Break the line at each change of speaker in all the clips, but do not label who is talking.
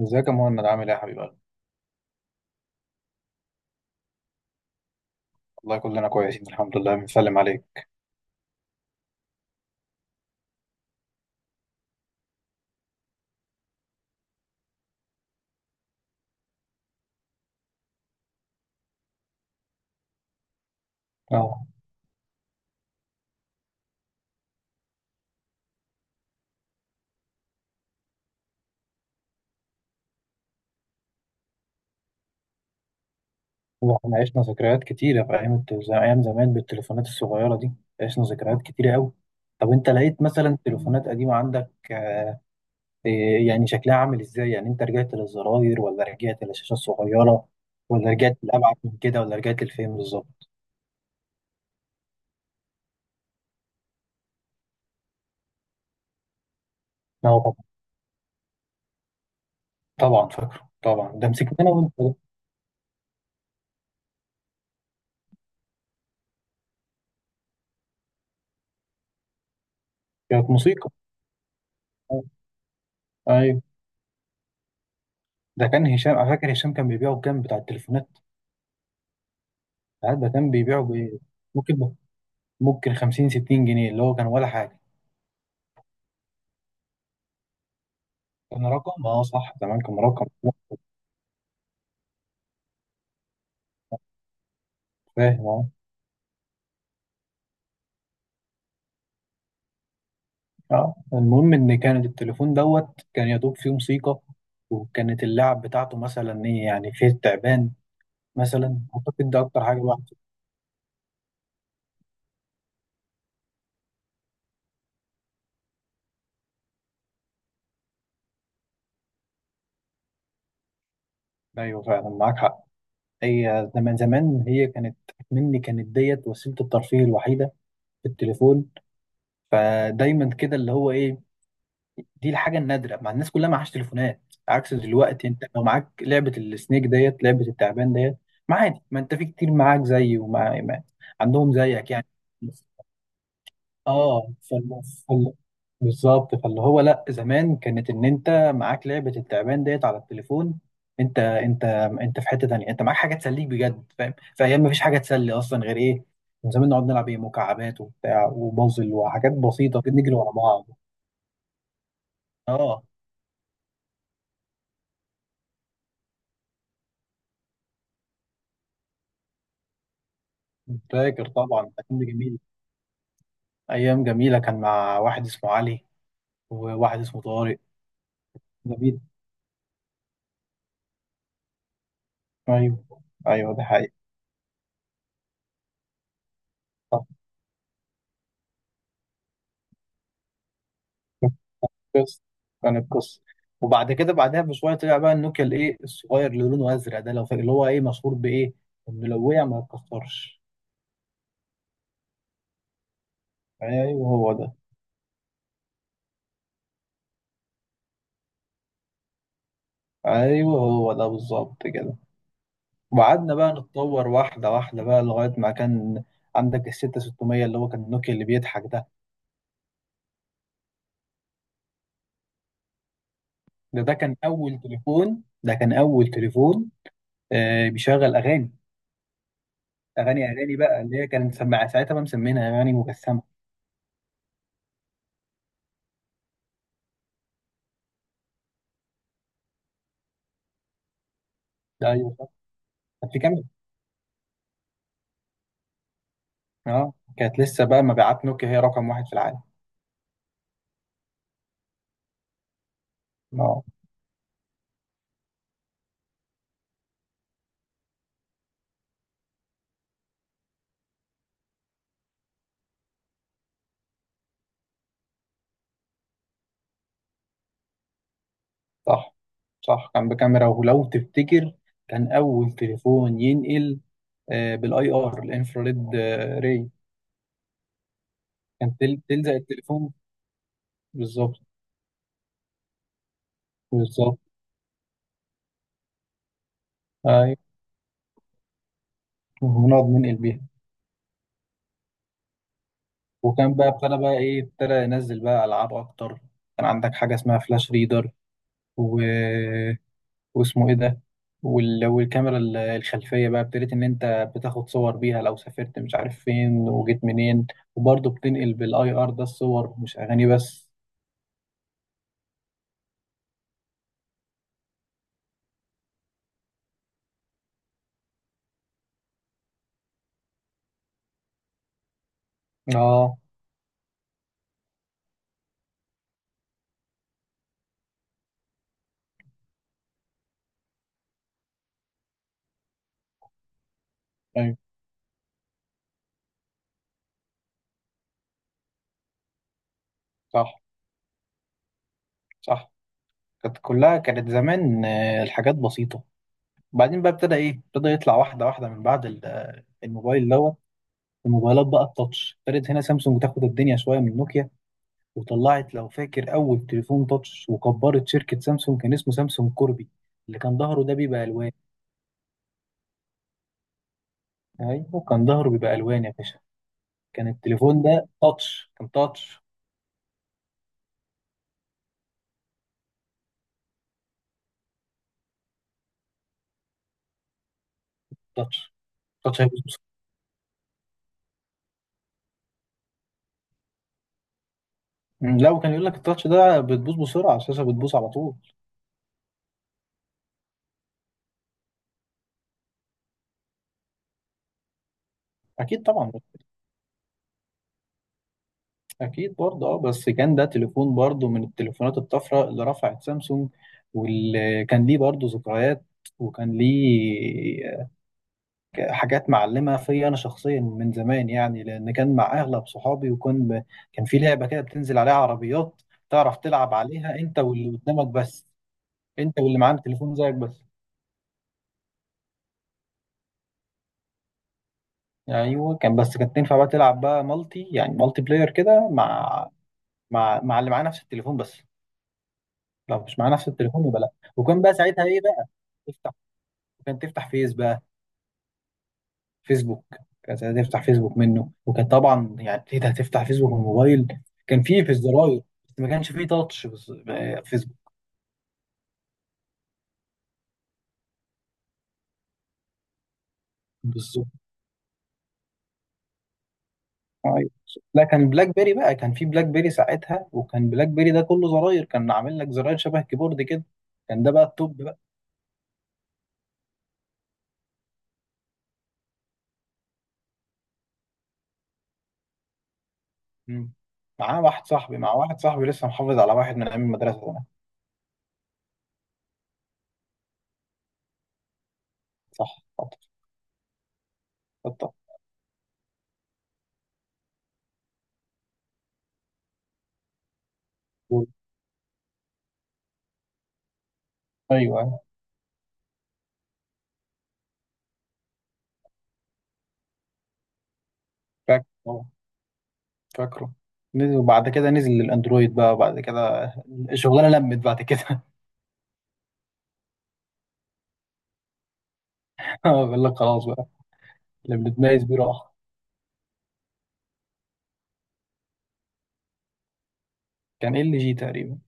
ازيك يا مهند عامل ايه يا حبيب قلبي؟ والله كلنا كويسين الحمد لله بنسلم عليك. اه، والله احنا عشنا ذكريات كتيرة في ايام ايام زمان بالتليفونات الصغيرة دي، عشنا ذكريات كتيرة قوي. طب انت لقيت مثلا تليفونات قديمة عندك إيه يعني شكلها عامل ازاي؟ يعني انت رجعت للزراير ولا رجعت للشاشة الصغيرة ولا رجعت لأبعد من كده ولا رجعت لفين بالظبط؟ اه طبعا، طبعا فاكره طبعا، ده مسكناه وانت ده. كانت موسيقى. ايوه، ده كان هشام، انا فاكر هشام كان بيبيعه بكام بتاع التليفونات، ساعات ده كان بيبيعه ب ممكن ممكن 50 60 جنيه، اللي هو كان ولا حاجة. كان رقم اه صح، زمان كان رقم فاهم اه. آه، المهم ان كان التليفون دوت كان يا دوب فيه موسيقى، وكانت اللعب بتاعته مثلا ايه؟ يعني فيه التعبان مثلا، اعتقد ده اكتر حاجة الواحد. ايوه فعلا معاك حق. هي زمان زمان هي كانت، كانت ديت وسيلة الترفيه الوحيدة في التليفون، فدايما كده اللي هو ايه، دي الحاجه النادره مع الناس كلها معهاش تليفونات، عكس دلوقتي انت لو معاك لعبه السنيك ديت، لعبه التعبان ديت، ما عادي، ما انت في كتير معاك زي ومع ما- عندهم زيك يعني. اه فال... بالظبط، فاللي هو لا زمان كانت ان انت معاك لعبه التعبان ديت على التليفون، انت انت انت في حته تانيه، انت معاك حاجه تسليك بجد، فاهم؟ في ايام ما فيش حاجه تسلي اصلا غير ايه، من زمان نقعد نلعب ايه، مكعبات وبتاع وبازل وحاجات بسيطه كده، نجري ورا بعض. اه فاكر طبعا، ده كان جميل. ايام جميله، كان مع واحد اسمه علي وواحد اسمه طارق. جميل. ايوه ايوه، ده حقيقي. صح. كانت قصه، كانت قصه. وبعد كده بعدها بشويه طلع بقى النوكيا الايه الصغير اللي لونه ازرق ده، لو فاكر، اللي هو ايه مشهور بايه، انه لو وقع ما يتكسرش. ايوه هو ده. ايوه هو ده بالظبط كده. وقعدنا بقى نتطور واحده واحده بقى لغايه ما كان عندك ال 6600 اللي هو كان النوكيا اللي بيضحك ده. ده كان اول تليفون، ده كان اول تليفون بيشغل اغاني، اغاني اغاني بقى اللي هي كانت سمع، ساعتها بقى مسمينها اغاني مجسمه. ده ايوه صح، كانت في كاميرا. اه كانت لسه بقى مبيعات نوكيا هي رقم واحد في العالم. اه صح. صح كان بكاميرا، ولو تفتكر كان اول تليفون ينقل بالاي ار الانفراريد ري، كان تلزق التليفون بالظبط. بالظبط ايوه، ونقعد ننقل بيها. وكان بقى ابتدى بقى ايه، ابتدى ينزل بقى العاب اكتر. كان عندك حاجه اسمها فلاش ريدر، و واسمه ايه ده، والكاميرا الخلفيه بقى ابتديت ان انت بتاخد صور بيها لو سافرت مش عارف فين وجيت منين، وبرضه بتنقل بالاي ار ده الصور مش اغاني بس. اه ايوه صح. صح كانت كلها كانت زمان الحاجات بسيطه. بعدين بقى ابتدى ايه، ابتدى يطلع واحده واحده من بعد الموبايل دوت، الموبايلات بقى التاتش ابتدت، هنا سامسونج تاخد الدنيا شويه من نوكيا. وطلعت لو فاكر اول تليفون تاتش وكبرت شركه سامسونج، كان اسمه سامسونج كوربي، اللي كان ظهره ده بيبقى الوان. ايوه كان ظهره بيبقى الوان يا باشا. كان التليفون ده تاتش، كان تاتش. تاتش، هيبوظ بسرعه. مم، لا وكان يقول لك التاتش ده بتبوظ بسرعه، الشاشه بتبوظ على طول. اكيد طبعا، اكيد برضه اه. بس كان ده تليفون برضه من التليفونات الطفره اللي رفعت سامسونج، واللي كان ليه برضه ذكريات، وكان ليه حاجات معلمه فيا انا شخصيا من زمان يعني، لان كان مع اغلب صحابي. وكان كان في لعبه كده بتنزل عليها عربيات، تعرف تلعب عليها انت واللي قدامك بس، انت واللي معاك تليفون زيك بس. يعني ايوه كان، بس كانت تنفع بقى تلعب بقى مالتي، يعني مالتي بلاير كده، مع مع اللي معاه نفس التليفون بس. لو مش معاه نفس التليفون يبقى لا. وكان بقى ساعتها ايه بقى تفتح، كان تفتح فيس بقى، فيسبوك. كان ساعتها تفتح فيسبوك منه، وكان طبعا يعني ايه ده، هتفتح فيسبوك من الموبايل؟ كان فيه في الزراير، بس ما كانش فيه تاتش، بس فيسبوك. بالظبط. ايوه لا كان بلاك بيري بقى، كان فيه بلاك بيري ساعتها، وكان بلاك بيري ده كله زراير، كان عامل لك زراير شبه كيبورد كده، كان ده بقى التوب. مم. معاه واحد صاحبي مع واحد صاحبي لسه محافظ على واحد من ايام المدرسه زمان. صح خطر. خطر. ايوه أيوه. فاكره فاكره. نزل وبعد كده نزل للاندرويد بقى، وبعد كده الشغلانه لمت بعد كده. بقول لك خلاص بقى، اللي بنتميز بيه راح. كان ال جي تقريبا.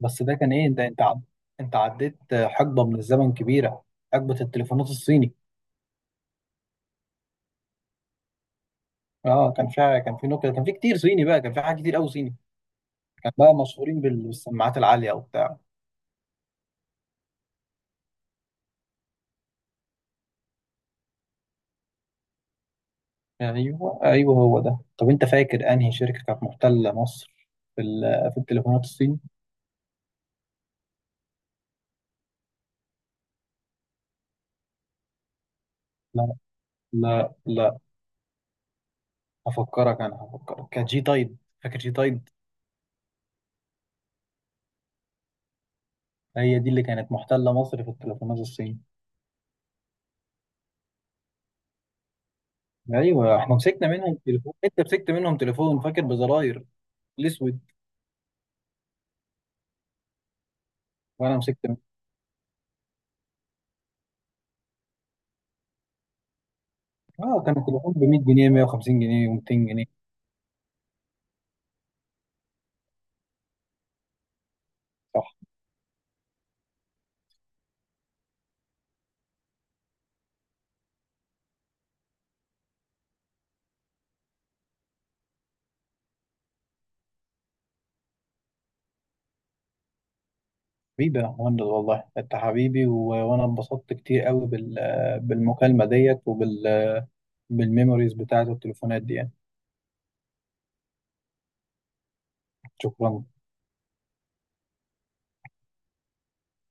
بس ده كان ايه، انت عديت حقبه من الزمن كبيره، حقبه التليفونات الصيني. اه كان فيها، كان في نوكيا، كان في كتير صيني بقى، كان في حاجات كتير قوي صيني. كان بقى مشهورين بالسماعات العاليه وبتاع. ايوه ايوه هو ده. طب انت فاكر انهي شركه كانت محتله مصر في في التليفونات الصين؟ لا لا لا. هفكرك، انا هفكرك، كانت جي تايد، فاكر جي تايد؟ هي دي اللي كانت محتله مصر في التليفونات الصين. ايوه احنا مسكنا منهم تليفون، انت مسكت منهم تليفون فاكر بزراير، الاسود. وانا مسكت منهم، اه كان التليفون ب 100 جنيه، 150 جنيه، و200 جنيه. صح. حبيبي يا مهند والله، انت حبيبي، وانا اتبسطت كتير قوي بالمكالمه ديت بالميموريز بتاعت التليفونات دي يعني. شكرا